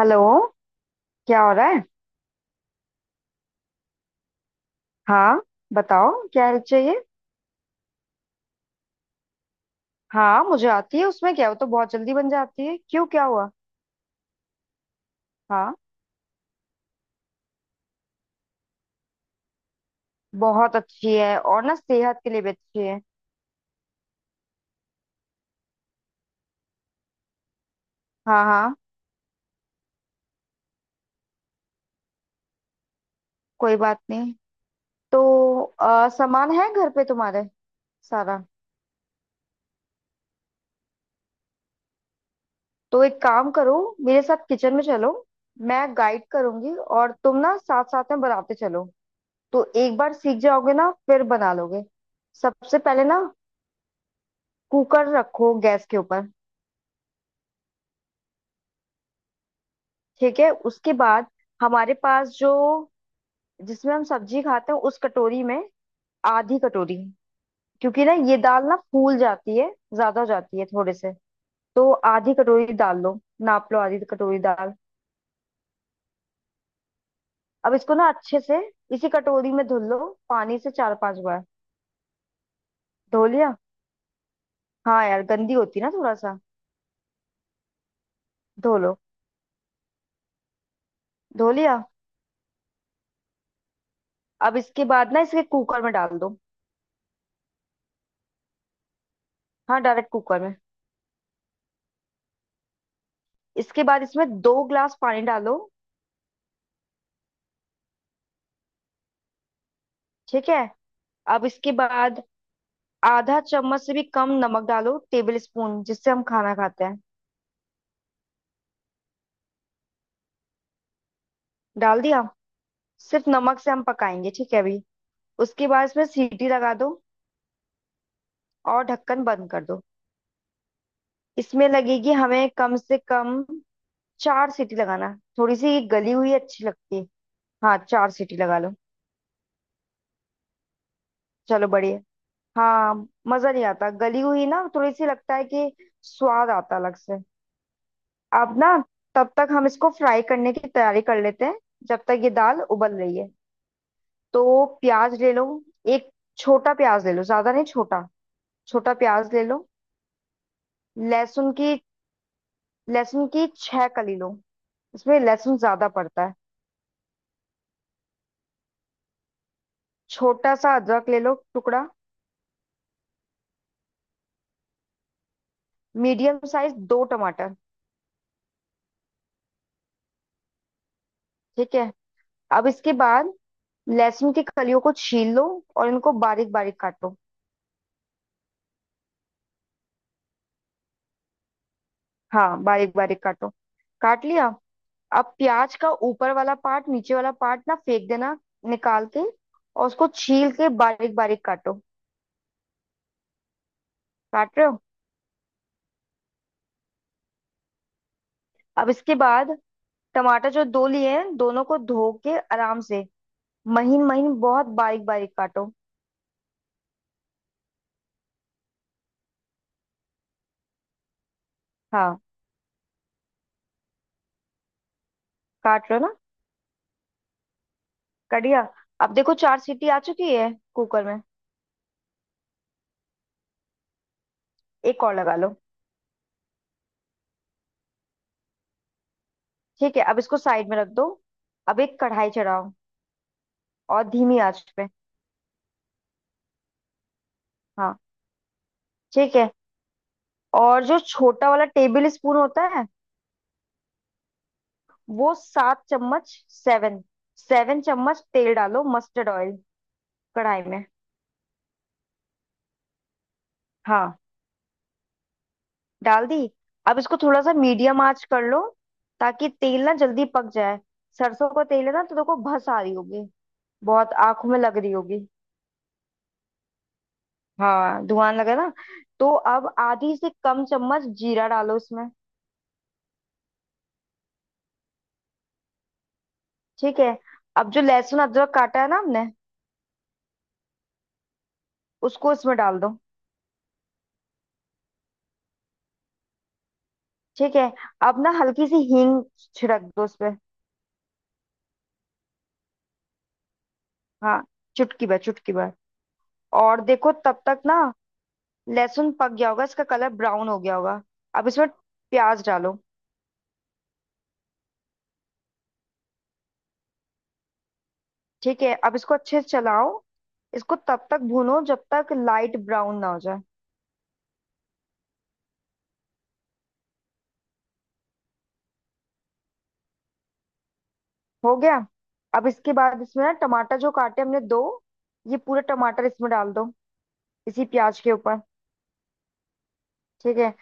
Hello. क्या हो रहा है? हाँ, बताओ क्या हेल्प चाहिए? हाँ मुझे आती है, उसमें क्या, वो तो बहुत जल्दी बन जाती है। क्यों, क्या हुआ? हाँ, बहुत अच्छी है और ना सेहत के लिए भी अच्छी है। हाँ हाँ। कोई बात नहीं। तो सामान है घर पे तुम्हारे, सारा? तो एक काम करो, मेरे साथ किचन में चलो। मैं गाइड करूंगी और तुम ना साथ साथ में बनाते चलो। तो एक बार सीख जाओगे ना, फिर बना लोगे। सबसे पहले ना कुकर रखो गैस के ऊपर। ठीक है, उसके बाद हमारे पास जो, जिसमें हम सब्जी खाते हैं उस कटोरी में आधी कटोरी, क्योंकि ना ये दाल ना फूल जाती है, ज्यादा हो जाती है थोड़े से। तो आधी कटोरी डाल लो, नाप लो आधी कटोरी दाल। अब इसको ना अच्छे से इसी कटोरी में धुल लो, पानी से चार पांच बार। धो लिया? हाँ यार, गंदी होती ना थोड़ा सा। धो लो। धो लिया। अब इसके बाद ना इसके कुकर में डाल दो। हाँ डायरेक्ट कुकर में। इसके बाद इसमें 2 ग्लास पानी डालो। ठीक है, अब इसके बाद आधा चम्मच से भी कम नमक डालो, टेबल स्पून जिससे हम खाना खाते हैं। डाल दिया। सिर्फ नमक से हम पकाएंगे, ठीक है अभी। उसके बाद इसमें सीटी लगा दो और ढक्कन बंद कर दो। इसमें लगेगी हमें कम से कम चार सीटी लगाना, थोड़ी सी गली हुई अच्छी लगती है। हाँ चार सीटी लगा लो। चलो बढ़िया। हाँ मजा नहीं आता गली हुई ना, थोड़ी सी लगता है कि स्वाद आता अलग से। अब ना, तब तक हम इसको फ्राई करने की तैयारी कर लेते हैं जब तक ये दाल उबल रही है। तो प्याज ले लो, एक छोटा प्याज ले लो, ज्यादा नहीं छोटा, छोटा प्याज ले लो। लहसुन की, लहसुन की छह कली लो, इसमें लहसुन ज्यादा पड़ता है। छोटा सा अदरक ले लो टुकड़ा। मीडियम साइज दो टमाटर। ठीक है, अब इसके बाद लहसुन की कलियों को छील लो और इनको बारीक बारीक काटो। हाँ बारीक बारीक काटो। काट लिया। अब प्याज का ऊपर वाला पार्ट, नीचे वाला पार्ट ना फेंक देना, निकाल के, और उसको छील के बारीक बारीक काटो। काट रहे हो? अब इसके बाद टमाटर जो दो लिए हैं, दोनों को धो के आराम से महीन महीन बहुत बारीक बारीक काटो। हाँ काट रहे हो ना? कट गया? अब देखो चार सीटी आ चुकी है कुकर में। एक और लगा लो। ठीक है, अब इसको साइड में रख दो। अब एक कढ़ाई चढ़ाओ और धीमी आंच पे। हाँ, ठीक है। और जो छोटा वाला टेबल स्पून होता है, वो 7 चम्मच, 7 7 चम्मच तेल डालो, मस्टर्ड ऑयल कढ़ाई में। हाँ, डाल दी। अब इसको थोड़ा सा मीडियम आंच कर लो, ताकि तेल ना जल्दी पक जाए। सरसों का तेल है ना तो देखो भस आ रही होगी, बहुत आंखों में लग रही होगी। हाँ धुआं लगा ना। तो अब आधी से कम चम्मच जीरा डालो इसमें। ठीक है, अब जो लहसुन अदरक काटा है ना हमने, उसको इसमें डाल दो। ठीक है, अब ना हल्की सी हींग छिड़क दो उस पे। हाँ, चुटकी भर चुटकी भर। और देखो तब तक ना लहसुन पक गया होगा, इसका कलर ब्राउन हो गया होगा। अब इसमें प्याज डालो। ठीक है, अब इसको अच्छे से चलाओ, इसको तब तक भूनो जब तक लाइट ब्राउन ना हो जाए। हो गया? अब इसके बाद इसमें ना टमाटर जो काटे हमने दो, ये पूरे टमाटर इसमें डाल दो, इसी प्याज के ऊपर। ठीक है,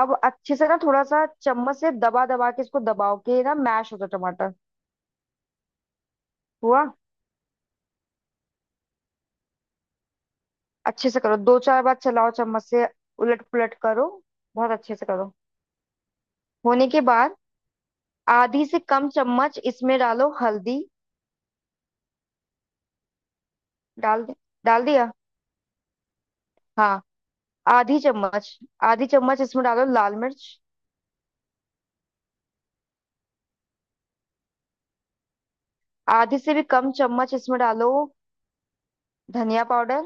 अब अच्छे से ना थोड़ा सा चम्मच से दबा दबा के इसको दबाओ कि ना मैश हो जाए टमाटर। हुआ? अच्छे से करो, दो चार बार चलाओ चम्मच से, उलट पुलट करो, बहुत अच्छे से करो। होने के बाद आधी से कम चम्मच इसमें डालो हल्दी। डाल दे- डाल दिया। हाँ आधी चम्मच, आधी चम्मच इसमें डालो लाल मिर्च। आधी से भी कम चम्मच इसमें डालो धनिया पाउडर।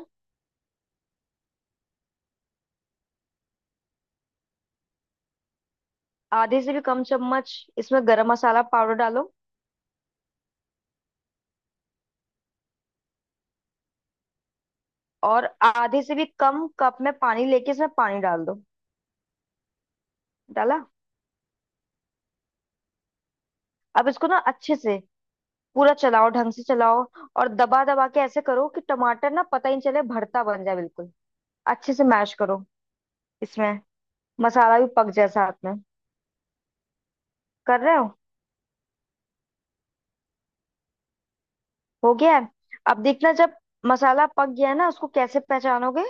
आधी से भी कम चम्मच इसमें गरम मसाला पाउडर डालो। और आधे से भी कम कप में पानी लेके इसमें पानी डाल दो। डाला? अब इसको ना अच्छे से पूरा चलाओ, ढंग से चलाओ, और दबा दबा के ऐसे करो कि टमाटर ना पता ही नहीं चले, भरता बन जाए बिल्कुल। अच्छे से मैश करो, इसमें मसाला भी पक जाए साथ में। कर रहे हो? हो गया है? अब देखना, जब मसाला पक गया है ना उसको कैसे पहचानोगे,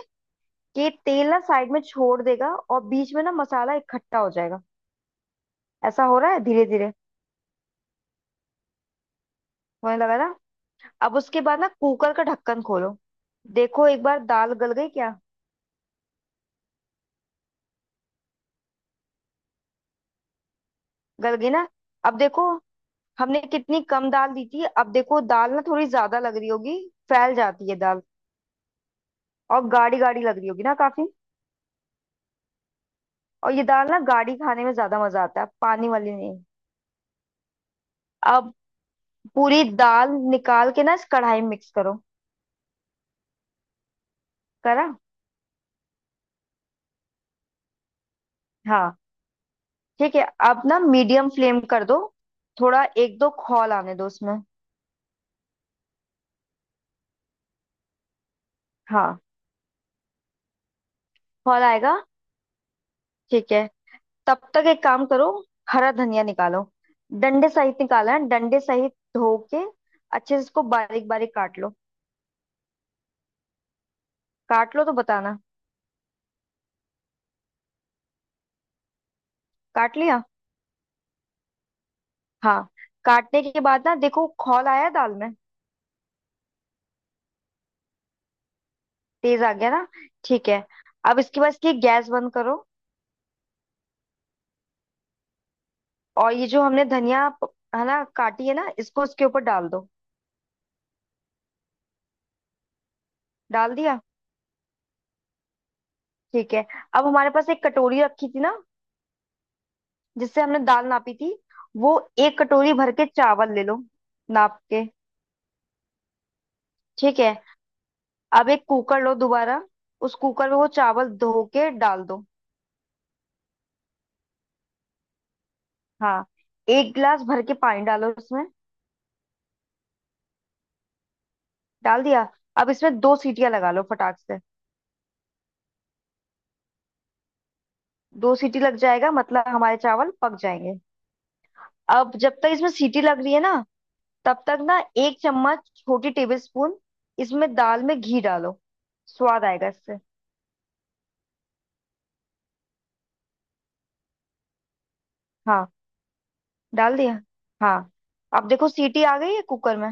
कि तेल ना साइड में छोड़ देगा और बीच में ना मसाला इकट्ठा हो जाएगा। ऐसा हो रहा है धीरे धीरे? होने लगा ना? अब उसके बाद ना कुकर का ढक्कन खोलो, देखो एक बार दाल गल गई क्या। गल गई ना? अब देखो, हमने कितनी कम दाल दी थी, अब देखो दाल ना थोड़ी ज्यादा लग रही होगी। फैल जाती है दाल, और गाढ़ी गाढ़ी लग रही होगी ना काफी। और ये दाल ना गाढ़ी खाने में ज्यादा मजा आता है, पानी वाली नहीं। अब पूरी दाल निकाल के ना इस कढ़ाई में मिक्स करो। करा? हाँ, ठीक है, अब ना मीडियम फ्लेम कर दो, थोड़ा एक दो खौल आने दो उसमें। हाँ, खौल आएगा। ठीक है, तब तक एक काम करो, हरा धनिया निकालो, डंडे सहित निकालना है, डंडे सहित धो के अच्छे से इसको बारीक बारीक काट लो। काट लो तो बताना। काट लिया? हाँ, काटने के बाद ना देखो खौल आया दाल में। तेज आ गया ना? ठीक है, अब इसके बाद इसकी गैस बंद करो। और ये जो हमने धनिया है ना काटी है ना, इसको इसके ऊपर डाल दो। डाल दिया? ठीक है, अब हमारे पास एक कटोरी रखी थी ना जिससे हमने दाल नापी थी, वो 1 कटोरी भर के चावल ले लो, नाप के। ठीक है, अब एक कुकर लो दोबारा, उस कुकर में वो चावल धो के डाल दो। हाँ, 1 गिलास भर के पानी डालो उसमें। डाल दिया? अब इसमें दो सीटियां लगा लो फटाक से। दो सीटी लग जाएगा मतलब हमारे चावल पक जाएंगे। अब जब तक इसमें सीटी लग रही है ना, तब तक ना 1 चम्मच छोटी टेबल स्पून, इसमें दाल में घी डालो, स्वाद आएगा इससे। हाँ, डाल दिया। हाँ। अब देखो सीटी आ गई है कुकर में।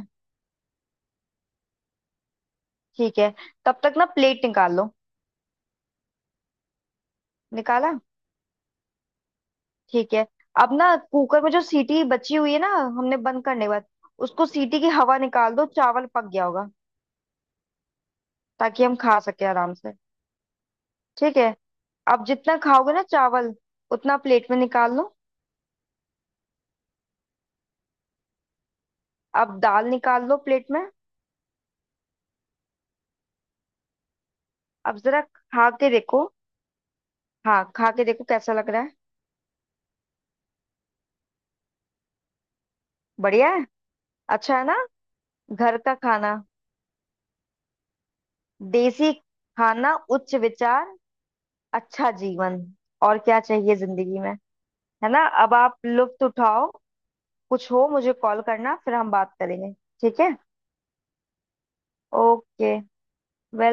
ठीक है, तब तक ना प्लेट निकाल लो। निकाला? ठीक है, अब ना कुकर में जो सीटी बची हुई है ना हमने बंद करने के बाद, उसको सीटी की हवा निकाल दो, चावल पक गया होगा, ताकि हम खा सके आराम से। ठीक है, अब जितना खाओगे ना चावल उतना प्लेट में निकाल लो। अब दाल निकाल लो प्लेट में। अब जरा खा के देखो। हाँ खा के देखो कैसा लग रहा है। बढ़िया है? अच्छा है ना, घर का खाना, देसी खाना, उच्च विचार, अच्छा जीवन, और क्या चाहिए जिंदगी में? है ना? अब आप लुत्फ उठाओ। कुछ हो मुझे कॉल करना, फिर हम बात करेंगे। ठीक है। ओके।